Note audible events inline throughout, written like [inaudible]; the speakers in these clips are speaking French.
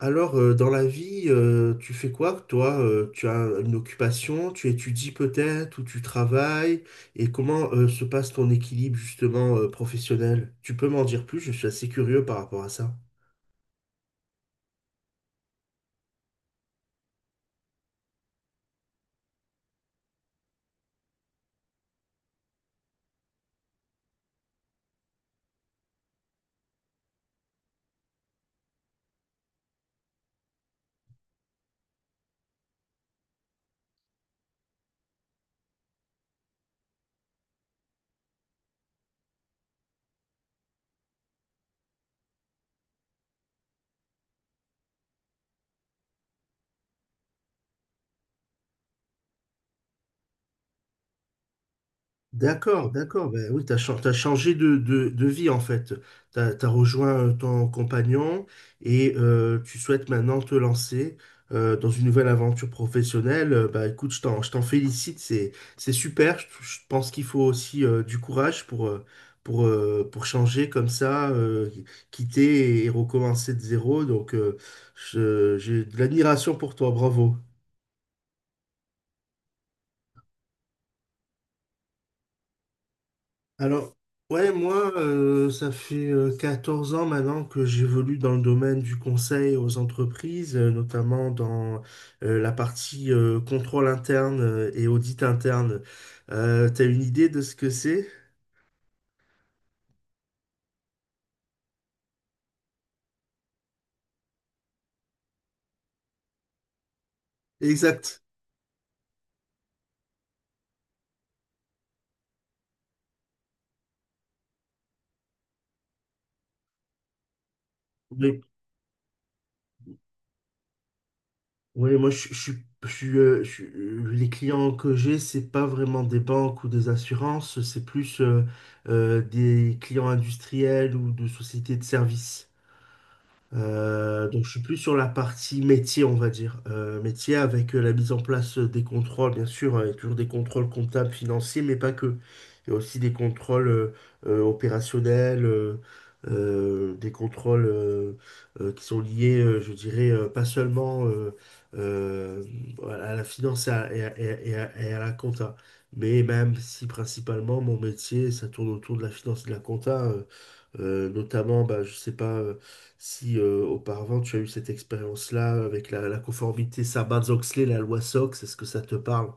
Alors, dans la vie, tu fais quoi, toi? Tu as une occupation, tu étudies peut-être ou tu travailles? Et comment se passe ton équilibre justement professionnel? Tu peux m'en dire plus, je suis assez curieux par rapport à ça. D'accord, d'accord. Ben oui, t'as changé de vie en fait. T'as rejoint ton compagnon et tu souhaites maintenant te lancer dans une nouvelle aventure professionnelle. Bah écoute, je t'en félicite, c'est super. Je pense qu'il faut aussi du courage pour changer comme ça, quitter et recommencer de zéro. Donc j'ai de l'admiration pour toi, bravo. Alors, ouais, moi, ça fait 14 ans maintenant que j'évolue dans le domaine du conseil aux entreprises, notamment dans la partie contrôle interne et audit interne. T'as une idée de ce que c'est? Exact. Oui, oui, moi, les clients que j'ai, c'est pas vraiment des banques ou des assurances, c'est plus des clients industriels ou de sociétés de services. Donc je suis plus sur la partie métier, on va dire. Métier avec la mise en place des contrôles, bien sûr, il y a toujours des contrôles comptables, financiers, mais pas que. Il y a aussi des contrôles opérationnels, des contrôles qui sont liés, je dirais, pas seulement euh, à la finance et et à la compta. Mais même si principalement mon métier, ça tourne autour de la finance et de la compta, notamment, bah, je sais pas. Si auparavant tu as eu cette expérience-là avec la conformité Sarbanes-Oxley, la loi SOX, est-ce que ça te parle?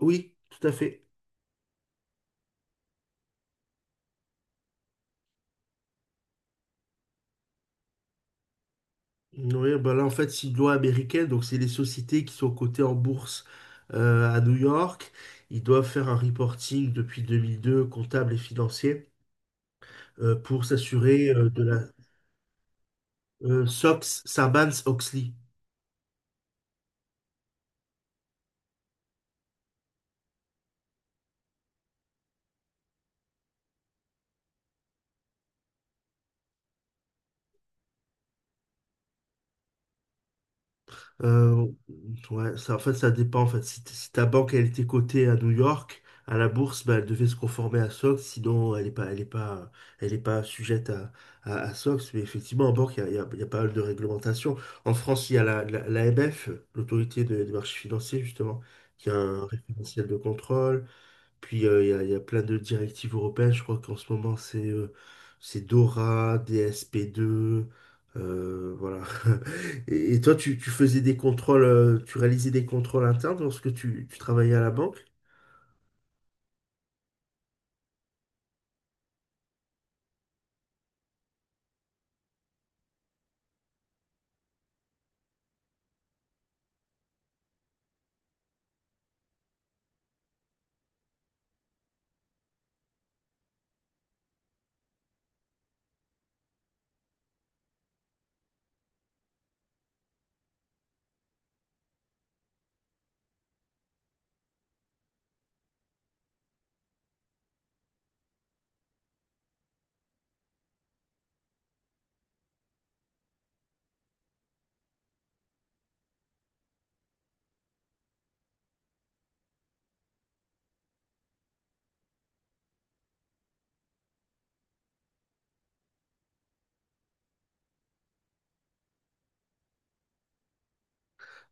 Oui, tout à fait. Oui, bah là en fait c'est une loi américaine, donc c'est les sociétés qui sont cotées en bourse à New York. Ils doivent faire un reporting depuis 2002, comptable et financier, pour s'assurer de la SOX, Sarbanes-Oxley. Euh, ouais, ça, en fait, ça dépend. En fait, si ta banque elle était cotée à New York, à la bourse, bah, elle devait se conformer à SOX, sinon elle est pas, elle est pas, elle est pas sujette à SOX. Mais effectivement, en banque, il y a pas mal de réglementations. En France, il y a l'AMF, des marchés financiers, justement, qui a un référentiel de contrôle. Puis il y a plein de directives européennes. Je crois qu'en ce moment, c'est DORA, DSP2. Voilà. [laughs] Et toi, tu faisais des contrôles, tu réalisais des contrôles internes lorsque tu travaillais à la banque?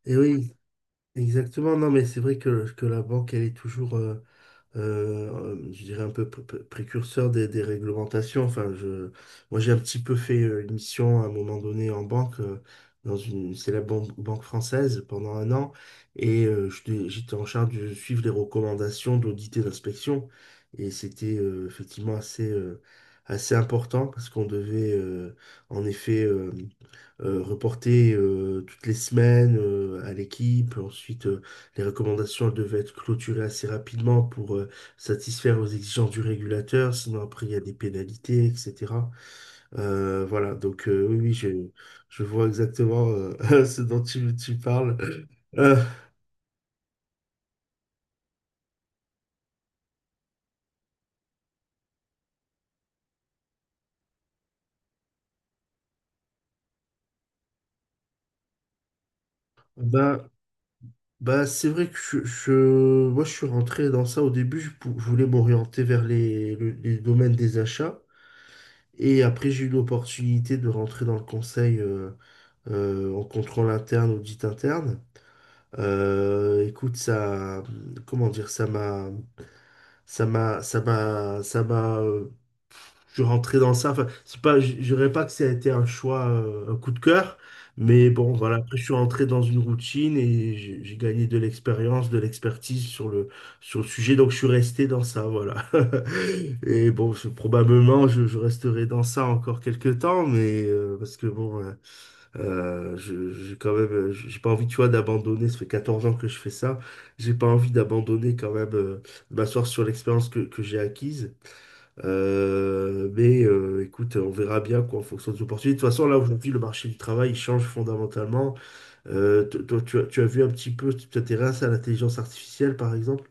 Et oui, exactement. Non, mais c'est vrai que la banque, elle est toujours, je dirais un peu précurseur des réglementations. Enfin, je, moi, j'ai un petit peu fait une mission à un moment donné en banque, dans une célèbre banque française pendant un an, et j'étais en charge de suivre les recommandations d'audit et d'inspection. Et c'était effectivement assez, assez important parce qu'on devait en effet reportées toutes les semaines à l'équipe. Ensuite, les recommandations, elles devaient être clôturées assez rapidement pour satisfaire aux exigences du régulateur. Sinon, après, il y a des pénalités, etc. Voilà, donc oui, oui, je vois exactement [laughs] ce dont tu parles. Euh, ben, ben, c'est vrai que moi, je suis rentré dans ça au début. Je voulais m'orienter vers les domaines des achats. Et après, j'ai eu l'opportunité de rentrer dans le conseil en contrôle interne, audit interne. Écoute, ça, comment dire, ça m'a, ça m'a, ça m'a, euh, je suis rentré dans ça. Enfin, c'est pas, je dirais pas que ça a été un choix, un coup de cœur, mais bon, voilà. Après, je suis rentré dans une routine et j'ai gagné de l'expérience, de l'expertise sur sur le sujet. Donc, je suis resté dans ça, voilà. [laughs] Et bon, probablement, je resterai dans ça encore quelques temps, mais parce que bon. J'ai quand même, j'ai pas envie, tu vois, d'abandonner. Ça fait 14 ans que je fais ça. J'ai pas envie d'abandonner quand même, de m'asseoir sur l'expérience que j'ai acquise. Mais écoute, on verra bien quoi en fonction des opportunités. De toute façon, là aujourd'hui, le marché du travail il change fondamentalement. Toi, tu as vu un petit peu, tu t'intéresses à l'intelligence artificielle, par exemple?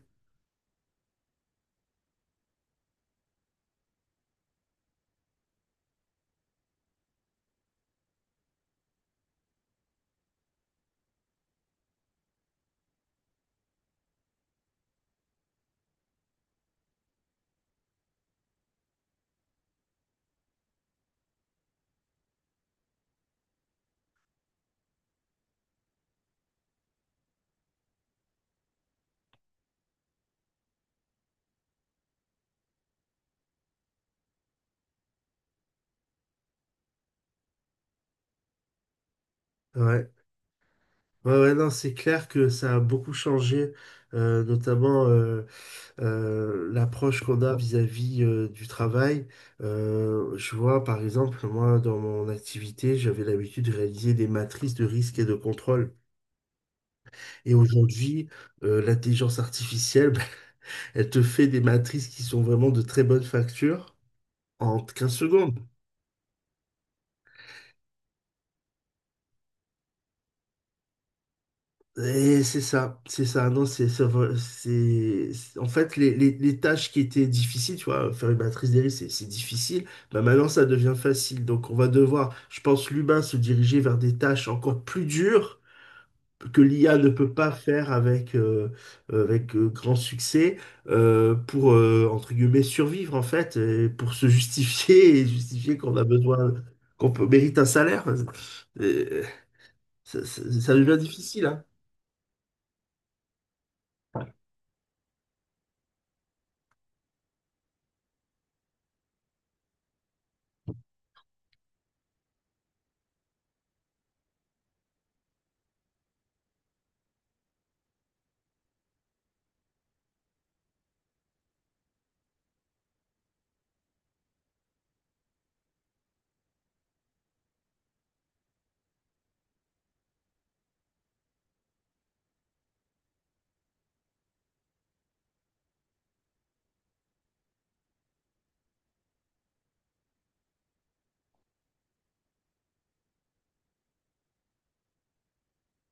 Ouais. Ouais, ouais, non, c'est clair que ça a beaucoup changé, notamment, l'approche qu'on a vis-à-vis du travail. Je vois, par exemple, moi, dans mon activité, j'avais l'habitude de réaliser des matrices de risque et de contrôle. Et aujourd'hui, l'intelligence artificielle, [laughs] elle te fait des matrices qui sont vraiment de très bonne facture en 15 secondes. Et c'est ça, c'est ça. Non, en fait les tâches qui étaient difficiles, tu vois, faire une matrice des risques, c'est difficile. Bah maintenant, ça devient facile. Donc, on va devoir, je pense, l'humain se diriger vers des tâches encore plus dures que l'IA ne peut pas faire avec, grand succès pour, entre guillemets, survivre, en fait, et pour se justifier et justifier qu'on a besoin, qu'on peut, mérite un salaire. Euh, ça devient difficile, hein.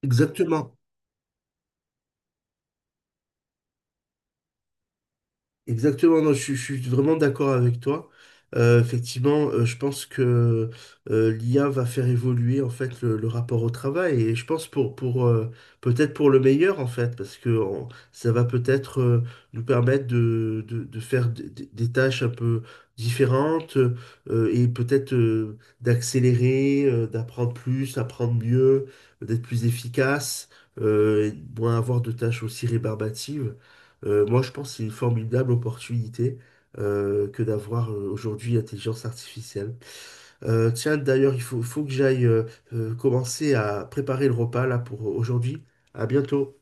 Exactement. Exactement, non, je suis vraiment d'accord avec toi. Effectivement, je pense que l'IA va faire évoluer en fait le rapport au travail et je pense pour peut-être pour le meilleur en fait parce que ça va peut-être nous permettre de faire des tâches un peu différentes et peut-être d'accélérer, d'apprendre plus, apprendre mieux, d'être plus efficace, et moins avoir de tâches aussi rébarbatives. Moi, je pense que c'est une formidable opportunité que d'avoir aujourd'hui l'intelligence artificielle. Tiens, d'ailleurs, faut que j'aille commencer à préparer le repas là pour aujourd'hui. À bientôt.